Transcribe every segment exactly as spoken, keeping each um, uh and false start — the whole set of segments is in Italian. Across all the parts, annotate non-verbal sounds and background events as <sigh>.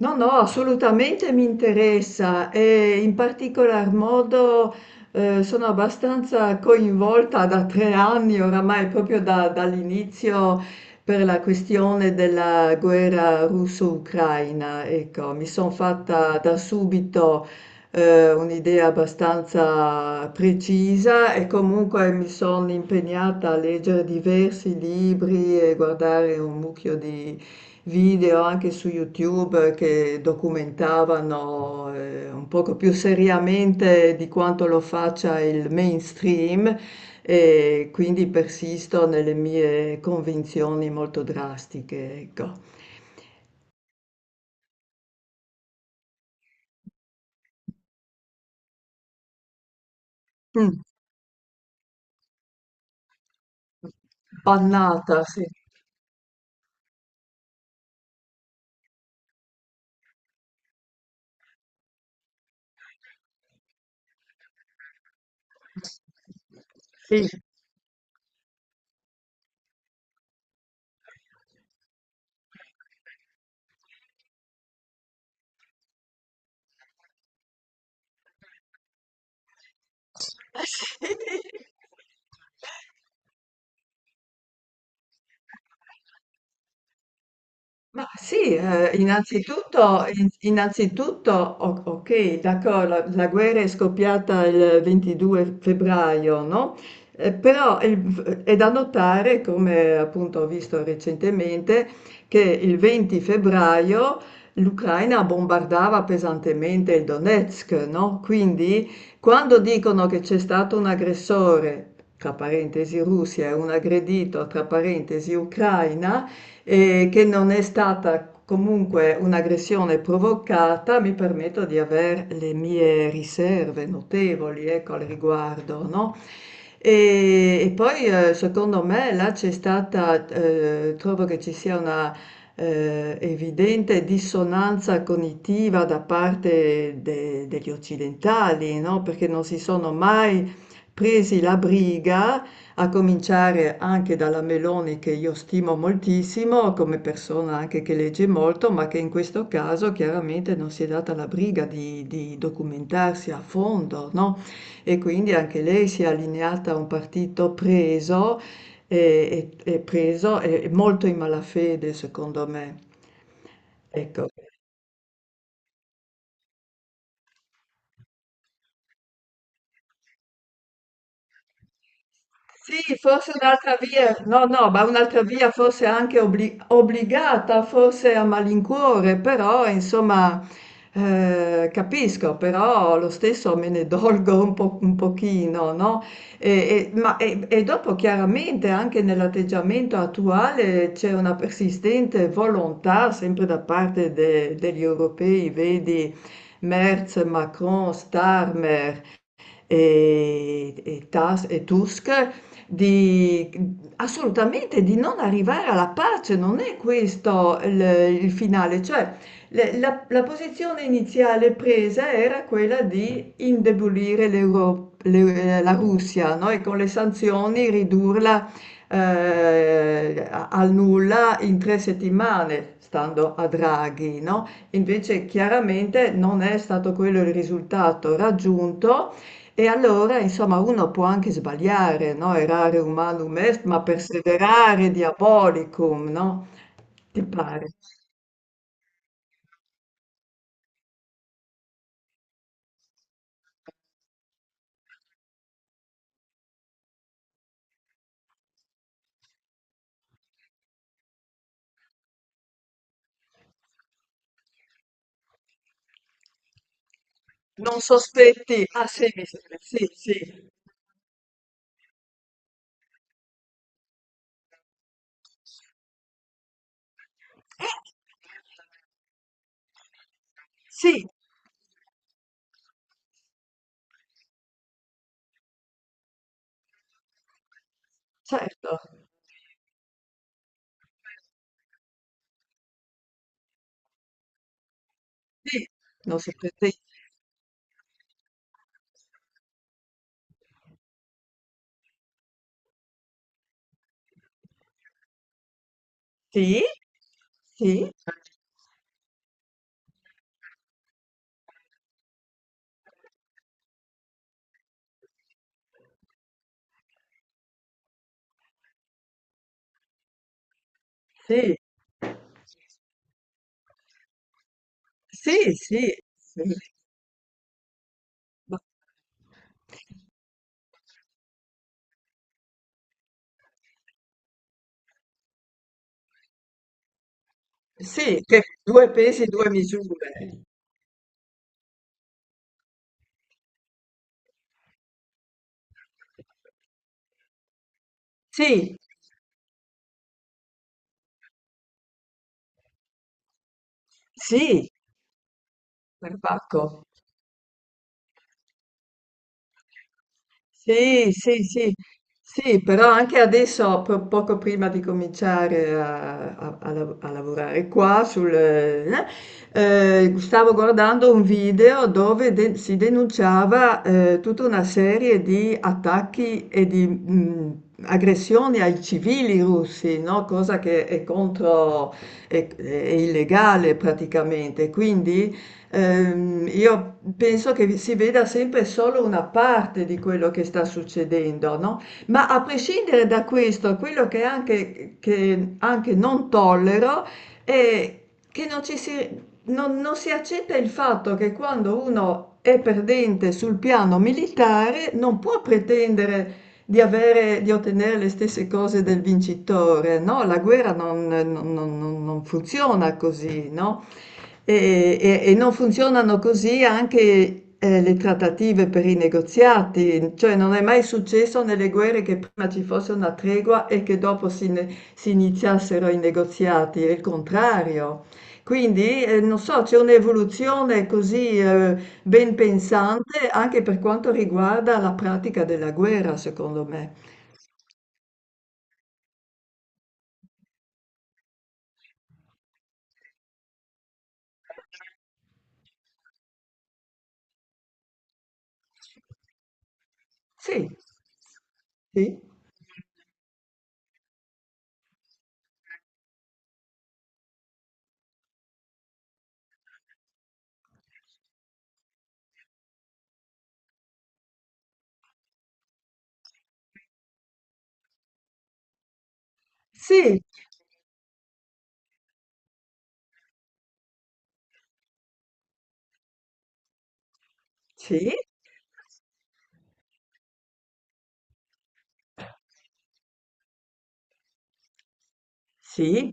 No, no, assolutamente mi interessa e in particolar modo eh, sono abbastanza coinvolta da tre anni oramai, proprio da- dall'inizio per la questione della guerra russo-ucraina. Ecco, mi sono fatta da subito eh, un'idea abbastanza precisa e comunque mi sono impegnata a leggere diversi libri e guardare un mucchio di video anche su YouTube che documentavano eh, un poco più seriamente di quanto lo faccia il mainstream e quindi persisto nelle mie convinzioni molto drastiche, ecco. Mm. Pannata, sì. Sì. <laughs> Ma sì, eh, innanzitutto, in- innanzitutto, o- ok, d'accordo, la, la guerra è scoppiata il ventidue febbraio, no? Eh, però il- è da notare, come appunto ho visto recentemente, che il venti febbraio l'Ucraina bombardava pesantemente il Donetsk, no? Quindi quando dicono che c'è stato un aggressore, tra parentesi Russia, e un aggredito, tra parentesi Ucraina, eh, che non è stata comunque un'aggressione provocata, mi permetto di avere le mie riserve notevoli ecco, al riguardo, no? E, e poi eh, secondo me là c'è stata, eh, trovo che ci sia una eh, evidente dissonanza cognitiva da parte de- degli occidentali, no? Perché non si sono mai presi la briga a cominciare anche dalla Meloni che io stimo moltissimo come persona anche che legge molto, ma che in questo caso chiaramente non si è data la briga di, di documentarsi a fondo, no? E quindi anche lei si è allineata a un partito preso e, e- e preso e molto in malafede, secondo me. Ecco. Sì, forse un'altra via, no, no, ma un'altra via forse anche obbli- obbligata, forse a malincuore, però insomma eh, capisco, però lo stesso me ne dolgo un po', un pochino, no? E, e- ma- e- e dopo chiaramente anche nell'atteggiamento attuale c'è una persistente volontà sempre da parte de- degli europei, vedi Merz, Macron, Starmer e, e Tas- e Tusk di assolutamente di non arrivare alla pace, non è questo il, il finale, cioè le- la, la posizione iniziale presa era quella di indebolire l'Euro- le- la Russia, no? E con le sanzioni ridurla eh, a- al nulla in tre settimane, stando a Draghi, no? Invece chiaramente non è stato quello il risultato raggiunto e allora, insomma, uno può anche sbagliare, no? Errare humanum est, ma perseverare diabolicum, no? Ti pare? Non sospetti. Ah, sì, mi sembra, sì, sì. Eh, sì, certo, sì. Non sospetti. Sì, sì, sì, sì, sì, sì. Ma- sì, che due pesi, due misure. Sì, sì, perbacco. Sì, sì, sì, sì, però anche adesso, po- poco prima di cominciare a, a- a lav- a lavorare qua, sul, eh, eh, stavo guardando un video dove de- si denunciava eh, tutta una serie di attacchi e di mh, aggressioni ai civili russi, no? Cosa che è contro, è, è illegale praticamente. Quindi Ehm, io penso che si veda sempre solo una parte di quello che sta succedendo, no? Ma a prescindere da questo, quello che anche, che anche non tollero è che non ci si, non, non si accetta il fatto che quando uno è perdente sul piano militare non può pretendere di avere, di ottenere le stesse cose del vincitore, no? La guerra non, non- non- non funziona così, no? E, e- e non funzionano così anche eh, le trattative per i negoziati, cioè non è mai successo nelle guerre che prima ci fosse una tregua e che dopo si, ne- si iniziassero i negoziati, è il contrario. Quindi, eh, non so, c'è un'evoluzione così eh, ben pensante anche per quanto riguarda la pratica della guerra, secondo me. Sì, sì, sì, sì, sì,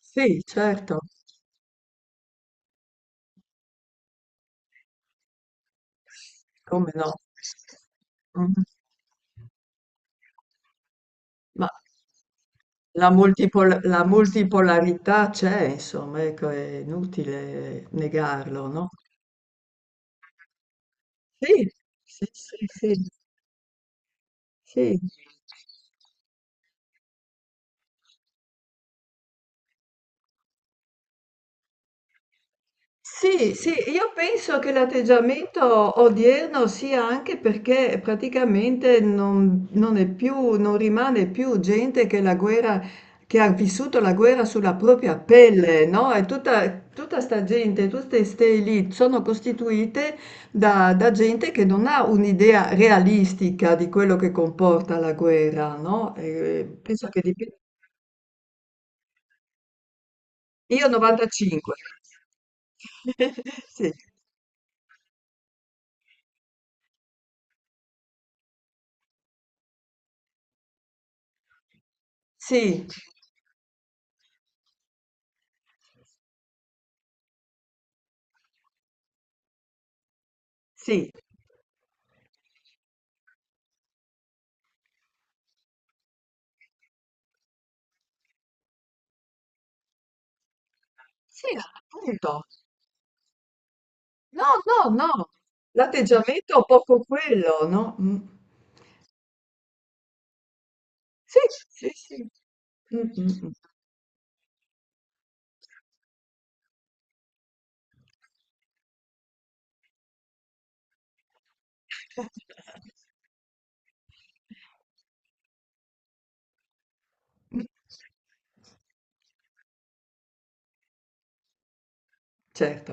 sì, certo, come no. Mh. Ma la multipol- la multipolarità c'è, insomma, ecco, è inutile negarlo, no? Sì, sì, sì, sì, sì. Sì, sì, io penso che l'atteggiamento odierno sia anche perché praticamente non, non è più, non rimane più gente che la guerra, che ha vissuto la guerra sulla propria pelle, no? E tutta, tutta sta gente, tutte ste elite sono costituite da, da gente che non ha un'idea realistica di quello che comporta la guerra, no? E penso che dipenda. Io novantacinque. <laughs> Sì, sì. Sì, sì, appunto. No, no, no, l'atteggiamento è un poco quello, no? Mm. Sì, sì, sì. Mm, mm, mm. <laughs> Certo.